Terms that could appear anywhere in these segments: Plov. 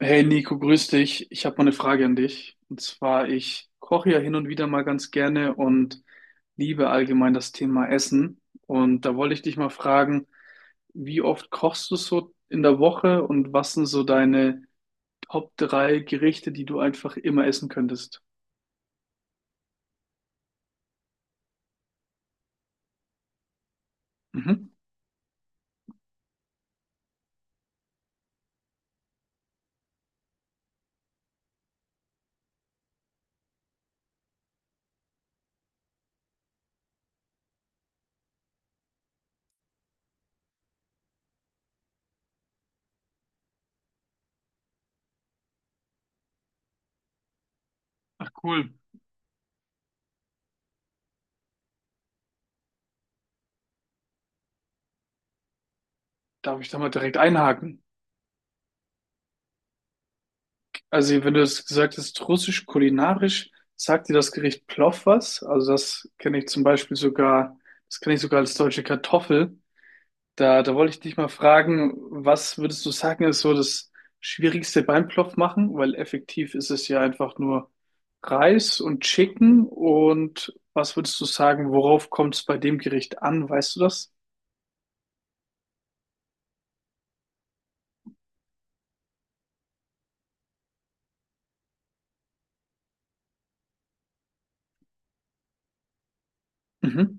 Hey Nico, grüß dich. Ich habe mal eine Frage an dich. Und zwar, ich koche ja hin und wieder mal ganz gerne und liebe allgemein das Thema Essen. Und da wollte ich dich mal fragen, wie oft kochst du so in der Woche und was sind so deine Top drei Gerichte, die du einfach immer essen könntest? Mhm. Ach cool. Darf ich da mal direkt einhaken? Also, wenn du es gesagt hast, russisch kulinarisch, sagt dir das Gericht Plov was? Also, das kenne ich zum Beispiel sogar, das kenne ich sogar als deutsche Kartoffel. Da wollte ich dich mal fragen, was würdest du sagen, ist so das Schwierigste beim Plov machen? Weil effektiv ist es ja einfach nur Reis und Chicken. Und was würdest du sagen, worauf kommt es bei dem Gericht an? Weißt du das? Mhm.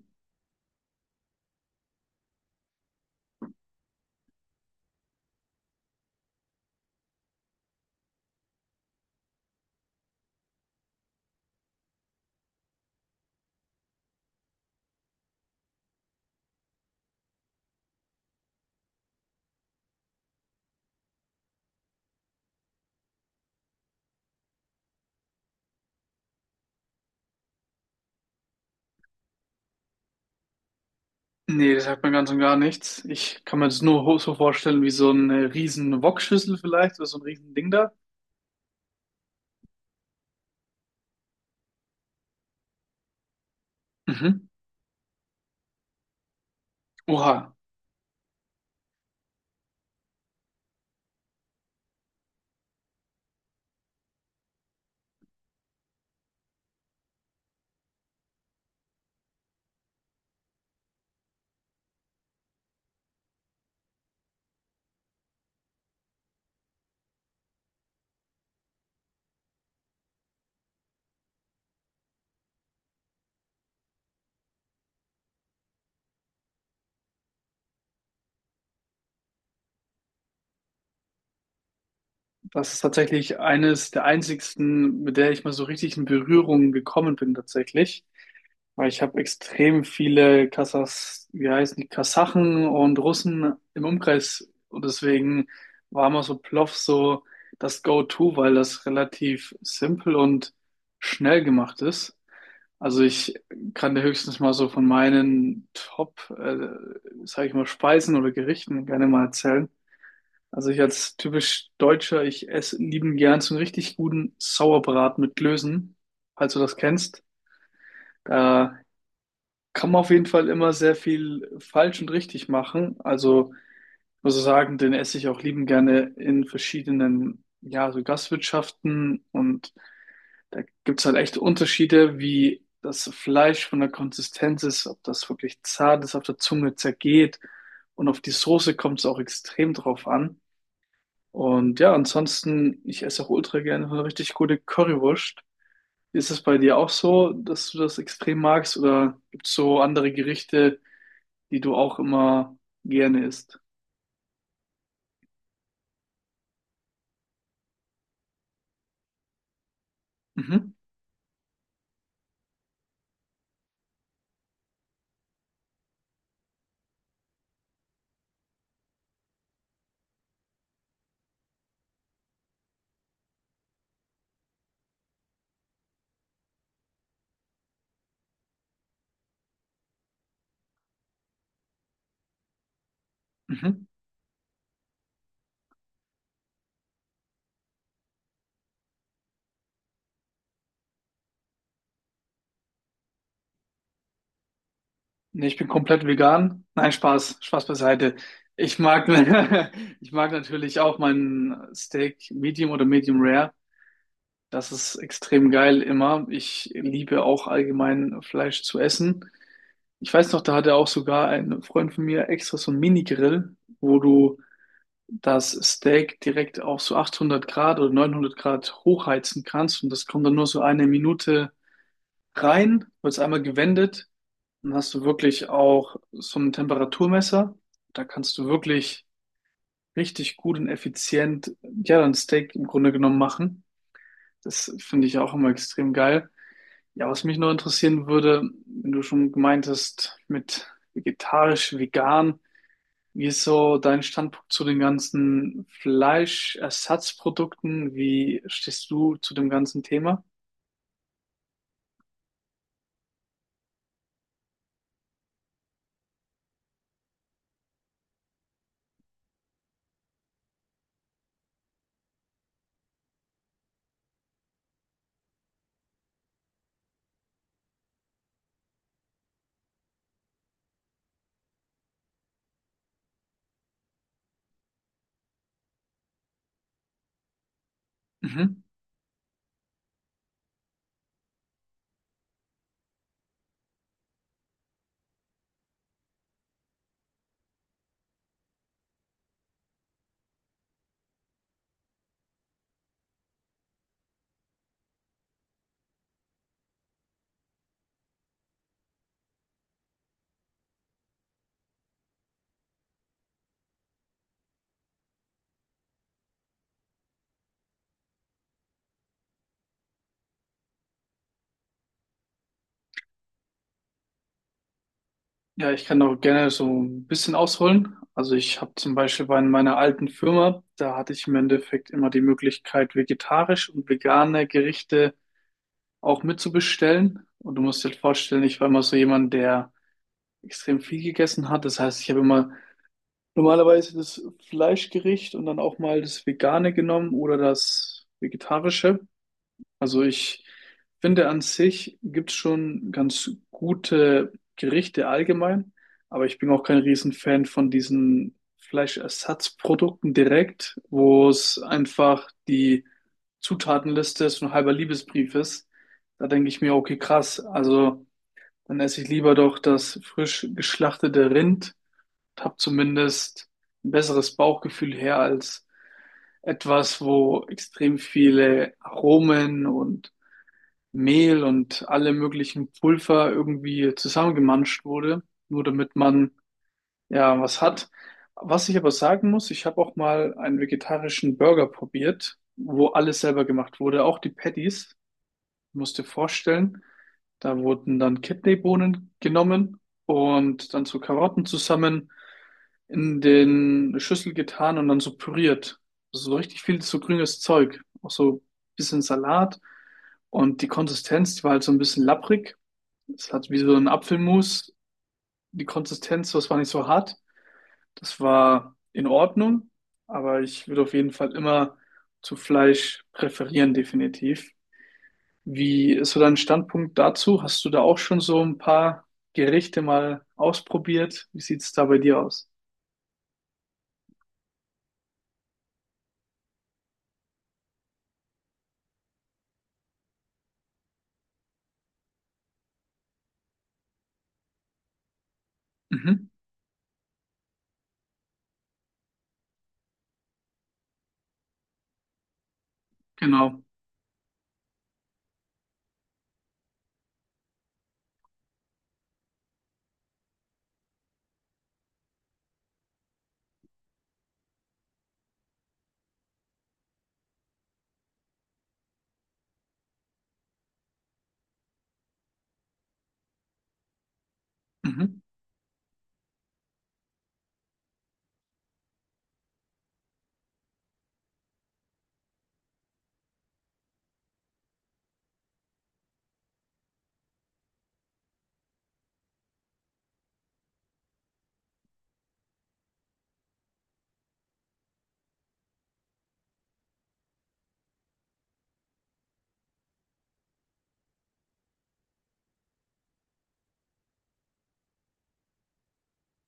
Nee, das sagt mir ganz und gar nichts. Ich kann mir das nur so vorstellen wie so eine riesen Wokschüssel vielleicht oder so ein riesen Ding da. Mhm. Oha. Das ist tatsächlich eines der einzigsten, mit der ich mal so richtig in Berührung gekommen bin tatsächlich. Weil ich habe extrem viele Kasachs, wie heißen die, Kasachen und Russen im Umkreis. Und deswegen war immer so Plov so das Go-To, weil das relativ simpel und schnell gemacht ist. Also ich kann dir höchstens mal so von meinen Top, sag ich mal, Speisen oder Gerichten gerne mal erzählen. Also ich als typisch Deutscher, ich esse lieben gern so einen richtig guten Sauerbraten mit Klößen, falls du das kennst. Da kann man auf jeden Fall immer sehr viel falsch und richtig machen. Also ich muss sagen, den esse ich auch lieben gerne in verschiedenen, ja, so Gastwirtschaften und da gibt's halt echt Unterschiede, wie das Fleisch von der Konsistenz ist, ob das wirklich zart ist, auf der Zunge zergeht und auf die Soße kommt es auch extrem drauf an. Und ja, ansonsten, ich esse auch ultra gerne eine richtig gute Currywurst. Ist es bei dir auch so, dass du das extrem magst oder gibt es so andere Gerichte, die du auch immer gerne isst? Mhm. Mhm. Nee, ich bin komplett vegan. Nein, Spaß, Spaß beiseite. Ich mag, ich mag natürlich auch mein Steak Medium oder Medium Rare. Das ist extrem geil immer. Ich liebe auch allgemein Fleisch zu essen. Ich weiß noch, da hatte auch sogar ein Freund von mir extra so ein Mini-Grill, wo du das Steak direkt auf so 800 Grad oder 900 Grad hochheizen kannst und das kommt dann nur so eine Minute rein, wird es einmal gewendet. Dann hast du wirklich auch so ein Temperaturmesser. Da kannst du wirklich richtig gut und effizient, ja, ein Steak im Grunde genommen machen. Das finde ich auch immer extrem geil. Ja, was mich noch interessieren würde, wenn du schon gemeint hast, mit vegetarisch, vegan, wie ist so dein Standpunkt zu den ganzen Fleischersatzprodukten? Wie stehst du zu dem ganzen Thema? Mhm. Ja, ich kann auch gerne so ein bisschen ausholen. Also ich habe zum Beispiel bei meiner alten Firma, da hatte ich im Endeffekt immer die Möglichkeit, vegetarisch und vegane Gerichte auch mitzubestellen. Und du musst dir vorstellen, ich war immer so jemand, der extrem viel gegessen hat. Das heißt, ich habe immer normalerweise das Fleischgericht und dann auch mal das Vegane genommen oder das Vegetarische. Also ich finde an sich gibt es schon ganz gute Gerichte allgemein, aber ich bin auch kein Riesenfan von diesen Fleischersatzprodukten direkt, wo es einfach die Zutatenliste so ein halber Liebesbrief ist. Da denke ich mir, okay, krass, also dann esse ich lieber doch das frisch geschlachtete Rind und habe zumindest ein besseres Bauchgefühl her als etwas, wo extrem viele Aromen und Mehl und alle möglichen Pulver irgendwie zusammengemanscht wurde, nur damit man ja was hat. Was ich aber sagen muss, ich habe auch mal einen vegetarischen Burger probiert, wo alles selber gemacht wurde, auch die Patties. Du musst dir vorstellen, da wurden dann Kidneybohnen genommen und dann zu Karotten zusammen in den Schüssel getan und dann so püriert. Also so richtig viel so grünes Zeug. Auch so ein bisschen Salat. Und die Konsistenz, die war halt so ein bisschen lapprig. Es hat wie so ein Apfelmus. Die Konsistenz, das war nicht so hart. Das war in Ordnung. Aber ich würde auf jeden Fall immer zu Fleisch präferieren, definitiv. Wie ist so dein Standpunkt dazu? Hast du da auch schon so ein paar Gerichte mal ausprobiert? Wie sieht's da bei dir aus? Mhm, genau. Mhm.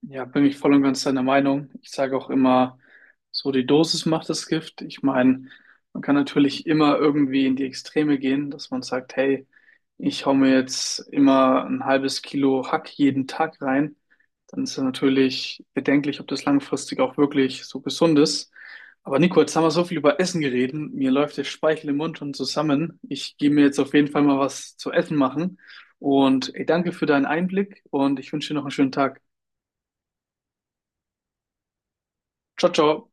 Ja, bin ich voll und ganz deiner Meinung. Ich sage auch immer, so die Dosis macht das Gift. Ich meine, man kann natürlich immer irgendwie in die Extreme gehen, dass man sagt, hey, ich hau mir jetzt immer ein halbes Kilo Hack jeden Tag rein. Dann ist es natürlich bedenklich, ob das langfristig auch wirklich so gesund ist. Aber Nico, jetzt haben wir so viel über Essen geredet. Mir läuft der Speichel im Mund schon zusammen. Ich gehe mir jetzt auf jeden Fall mal was zu essen machen. Und ey, danke für deinen Einblick und ich wünsche dir noch einen schönen Tag. Ciao, ciao.